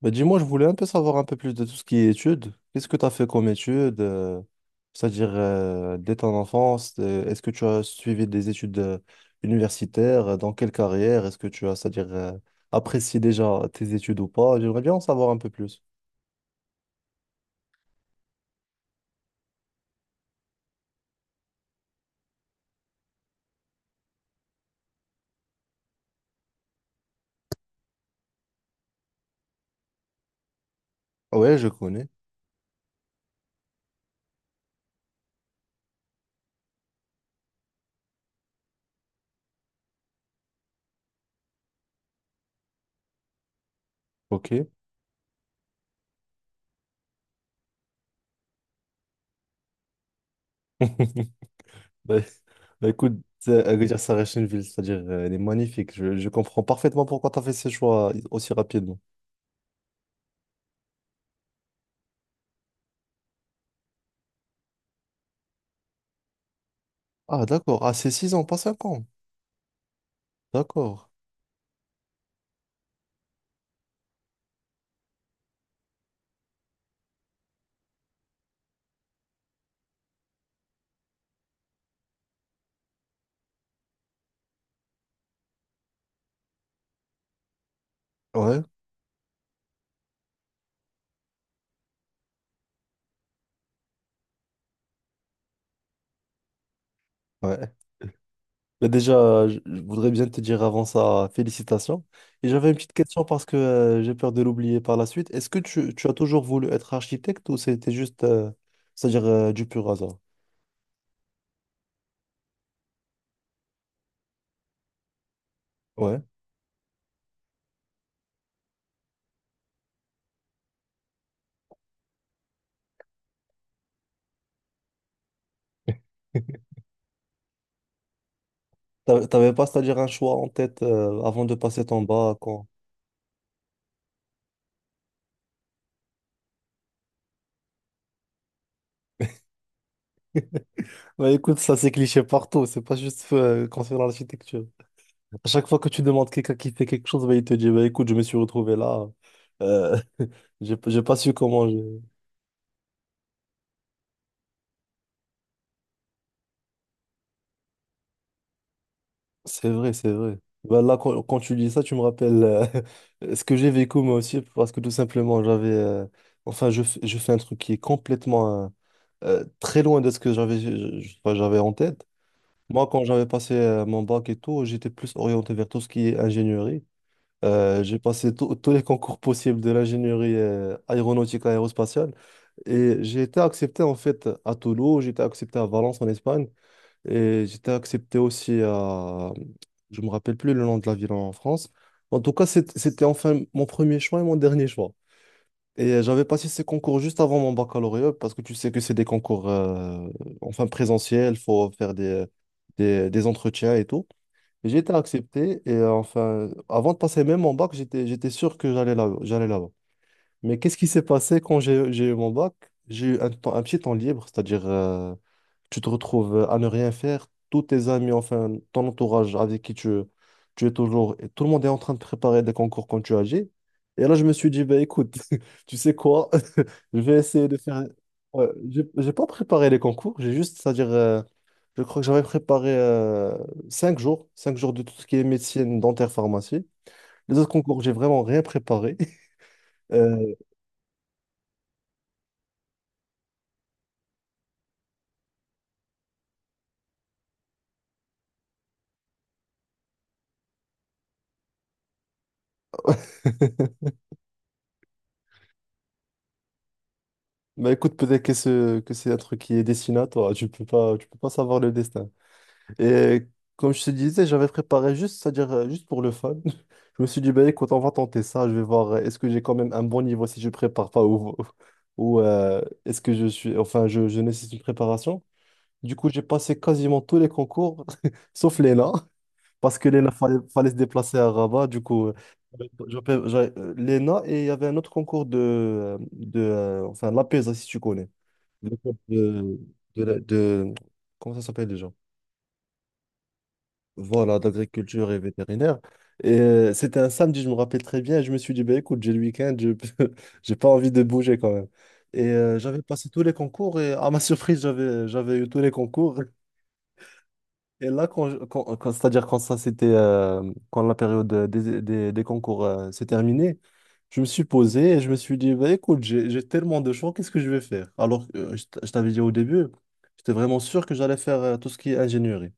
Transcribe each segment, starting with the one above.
Bah, dis-moi, je voulais un peu savoir un peu plus de tout ce qui est études. Qu'est-ce que tu as fait comme études? C'est-à-dire, dès ton enfance, est-ce que tu as suivi des études universitaires? Dans quelle carrière? Est-ce que tu as, c'est-à-dire, apprécié déjà tes études ou pas? J'aimerais bien en savoir un peu plus. Ah ouais, je connais. Ok. Bah, bah, écoute, c'est- à Agadir Sarachinville, c'est-à-dire, elle est magnifique. Je comprends parfaitement pourquoi tu as fait ces choix aussi rapidement. Ah, d'accord. Ah, c'est 6 ans, pas 5 ans. D'accord. Ouais. Ouais. Mais déjà, je voudrais bien te dire avant ça, félicitations. Et j'avais une petite question parce que j'ai peur de l'oublier par la suite. Est-ce que tu as toujours voulu être architecte ou c'était juste, c'est-à-dire du pur hasard? Ouais. T'avais pas, c'est-à-dire un choix en tête avant de passer ton bac quand... Bah écoute, ça c'est cliché partout, c'est pas juste concernant l'architecture. À chaque fois que tu demandes quelqu'un qui fait quelque chose, bah, il te dit, bah écoute, je me suis retrouvé là, euh, j'ai pas su comment... C'est vrai, c'est vrai. Bah là, quand tu dis ça, tu me rappelles ce que j'ai vécu moi aussi, parce que tout simplement, enfin, je fais un truc qui est complètement très loin de ce que enfin, j'avais en tête. Moi, quand j'avais passé mon bac et tout, j'étais plus orienté vers tout ce qui est ingénierie. J'ai passé tous les concours possibles de l'ingénierie aéronautique aérospatiale et j'ai été accepté en fait à Toulouse, j'ai été accepté à Valence en Espagne. Et j'étais accepté aussi à... Je me rappelle plus le nom de la ville en France. En tout cas, c'était enfin mon premier choix et mon dernier choix. Et j'avais passé ces concours juste avant mon baccalauréat parce que tu sais que c'est des concours enfin présentiels, faut faire des entretiens et tout. Et j'ai été accepté et enfin, avant de passer même mon bac, j'étais sûr que j'allais là-bas. Mais qu'est-ce qui s'est passé quand j'ai eu mon bac? J'ai eu un temps- un petit temps libre, c'est-à-dire tu te retrouves à ne rien faire, tous tes amis, enfin ton entourage avec qui tu es toujours, et tout le monde est en train de préparer des concours quand tu agis. Et là, je me suis dit, bah, écoute, tu sais quoi, je vais essayer de faire... Ouais, j'ai pas préparé les concours, j'ai juste, c'est-à-dire, je crois que j'avais préparé 5 jours, 5 jours de tout ce qui est médecine, dentaire, pharmacie. Les autres concours, j'ai vraiment rien préparé. Euh, bah écoute, peut-être que, que c'est un truc qui est destiné à toi. Tu peux pas savoir le destin. Et comme je te disais, j'avais préparé juste, c'est-à-dire juste pour le fun. Je me suis dit, ben écoute, on va tenter ça. Je vais voir, est-ce que j'ai quand même un bon niveau si je prépare pas ou est-ce que je suis, enfin, je nécessite une préparation. Du coup, j'ai passé quasiment tous les concours, sauf l'ENA, parce que l'ENA, fallait se déplacer à Rabat. Du coup, l'ENA et il y avait un autre concours de enfin, l'APESA, si tu connais. Le concours de, la- de- Comment ça s'appelle déjà? Voilà, d'agriculture et vétérinaire. Et c'était un samedi, je me rappelle très bien. Et je me suis dit, bah, écoute, j'ai le week-end, je j'ai pas envie de bouger quand même. Et j'avais passé tous les concours et à ma surprise, j'avais eu tous les concours. Et là, quand, je- quand, quand- c'est-à-dire quand ça c'était quand la période des concours s'est terminée, je me suis posé et je me suis dit, bah, écoute, j'ai tellement de choix, qu'est-ce que je vais faire? Alors, je t'avais dit au début, j'étais vraiment sûr que j'allais faire tout ce qui est ingénierie.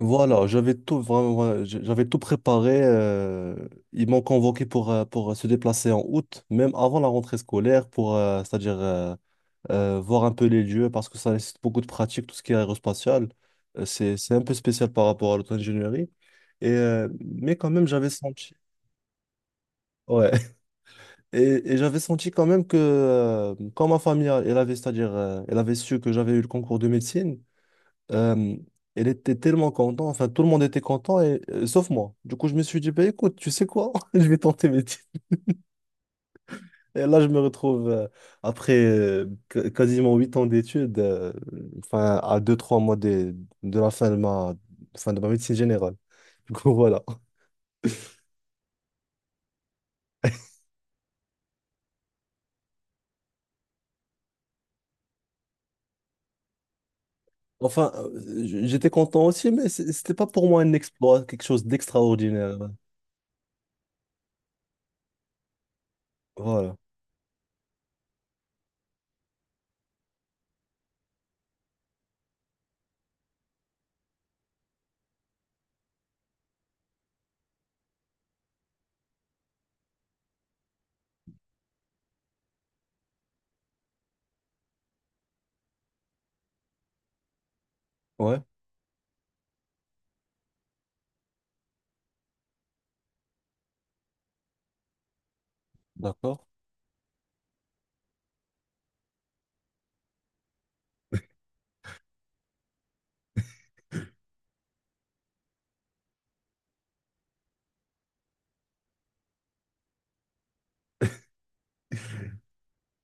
Voilà, j'avais tout vraiment, voilà, j'avais tout préparé. Euh, ils m'ont convoqué pour, se déplacer en août, même avant la rentrée scolaire, pour, c'est-à-dire voir un peu les lieux, parce que ça nécessite beaucoup de pratique, tout ce qui est aérospatial. C'est un peu spécial par rapport à l'auto-ingénierie. Et, mais quand même, j'avais senti. Ouais. Et j'avais senti quand même que, quand ma famille, elle avait, c'est-à-dire, elle avait su que j'avais eu le concours de médecine, euh, elle était tellement contente, enfin tout le monde était content, sauf moi. Du coup, je me suis dit, bah, écoute, tu sais quoi, je vais tenter mes titres. Et là, je me retrouve, après quasiment 8 ans d'études, enfin à deux trois mois de la fin de ma médecine générale. Du coup, voilà. Enfin, j'étais content aussi, mais c'était pas pour moi un exploit, quelque chose d'extraordinaire. Voilà. Ouais, d'accord.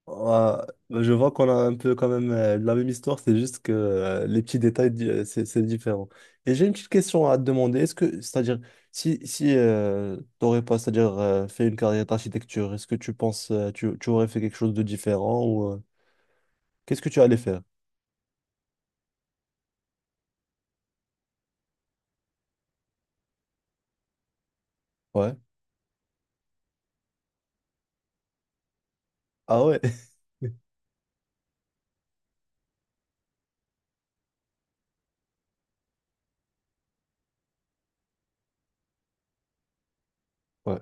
Ouais, bah, je vois qu'on a un peu quand même la même histoire, c'est juste que les petits détails, di- c'est différent. Et j'ai une petite question à te demander. Est-ce que, c'est-à-dire, si t'aurais pas, c'est-à-dire, fait une carrière d'architecture, est-ce que tu penses, tu aurais fait quelque chose de différent ou qu'est-ce que tu allais faire? Ouais. Ah ouais? Ouais.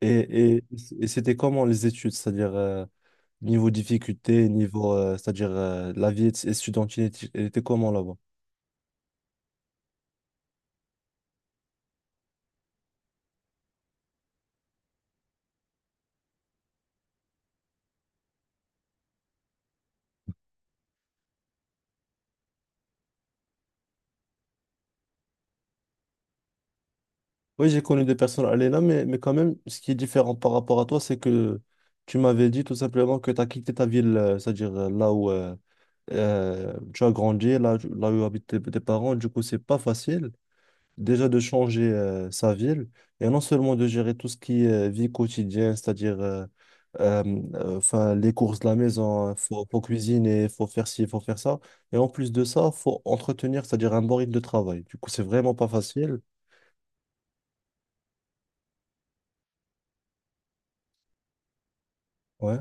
Et, et, et c'était comment les études, c'est-à-dire, niveau difficulté, niveau, c'est-à-dire, la vie étudiante, elle était comment là-bas? Oui, j'ai connu des personnes à là, mais quand même, ce qui est différent par rapport à toi, c'est que tu m'avais dit tout simplement que tu as quitté ta ville, c'est-à-dire là où tu as grandi, là où habitent tes parents. Du coup, c'est pas facile déjà de changer sa ville et non seulement de gérer tout ce qui est vie quotidienne, c'est-à-dire euh, enfin, les courses de la maison, hein, faut cuisiner, faut faire ci, faut faire ça. Et en plus de ça, faut entretenir, c'est-à-dire un bon rythme de travail. Du coup, c'est vraiment pas facile. Ouais,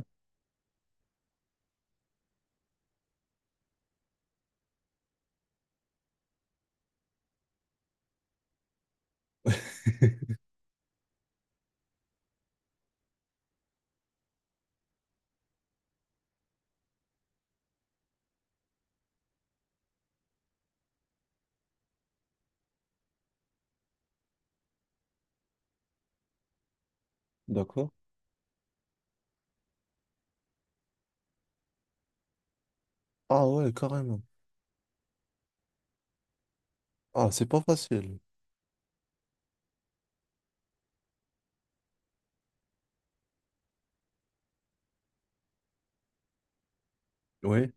d'accord. Ah ouais, carrément. Ah, c'est pas facile. Oui.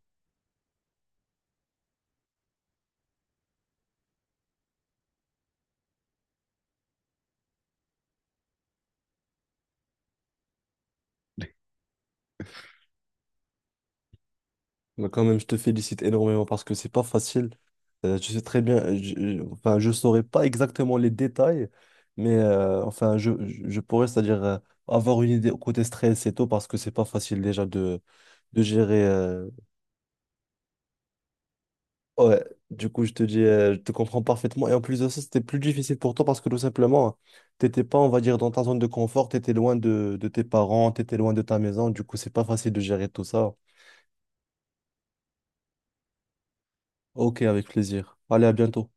Bah, quand même, je te félicite énormément parce que c'est pas facile. Je sais très bien, enfin, je saurais pas exactement les détails, mais enfin, je pourrais, c'est-à-dire avoir une idée côté stress et tout parce que c'est pas facile déjà de gérer. Euh, ouais, du coup, je te dis, je te comprends parfaitement. Et en plus de ça, c'était plus difficile pour toi parce que tout simplement, t'étais pas, on va dire, dans ta zone de confort, t'étais loin de tes parents, t'étais loin de ta maison. Du coup, c'est pas facile de gérer tout ça. Ok, avec plaisir. Allez, à bientôt.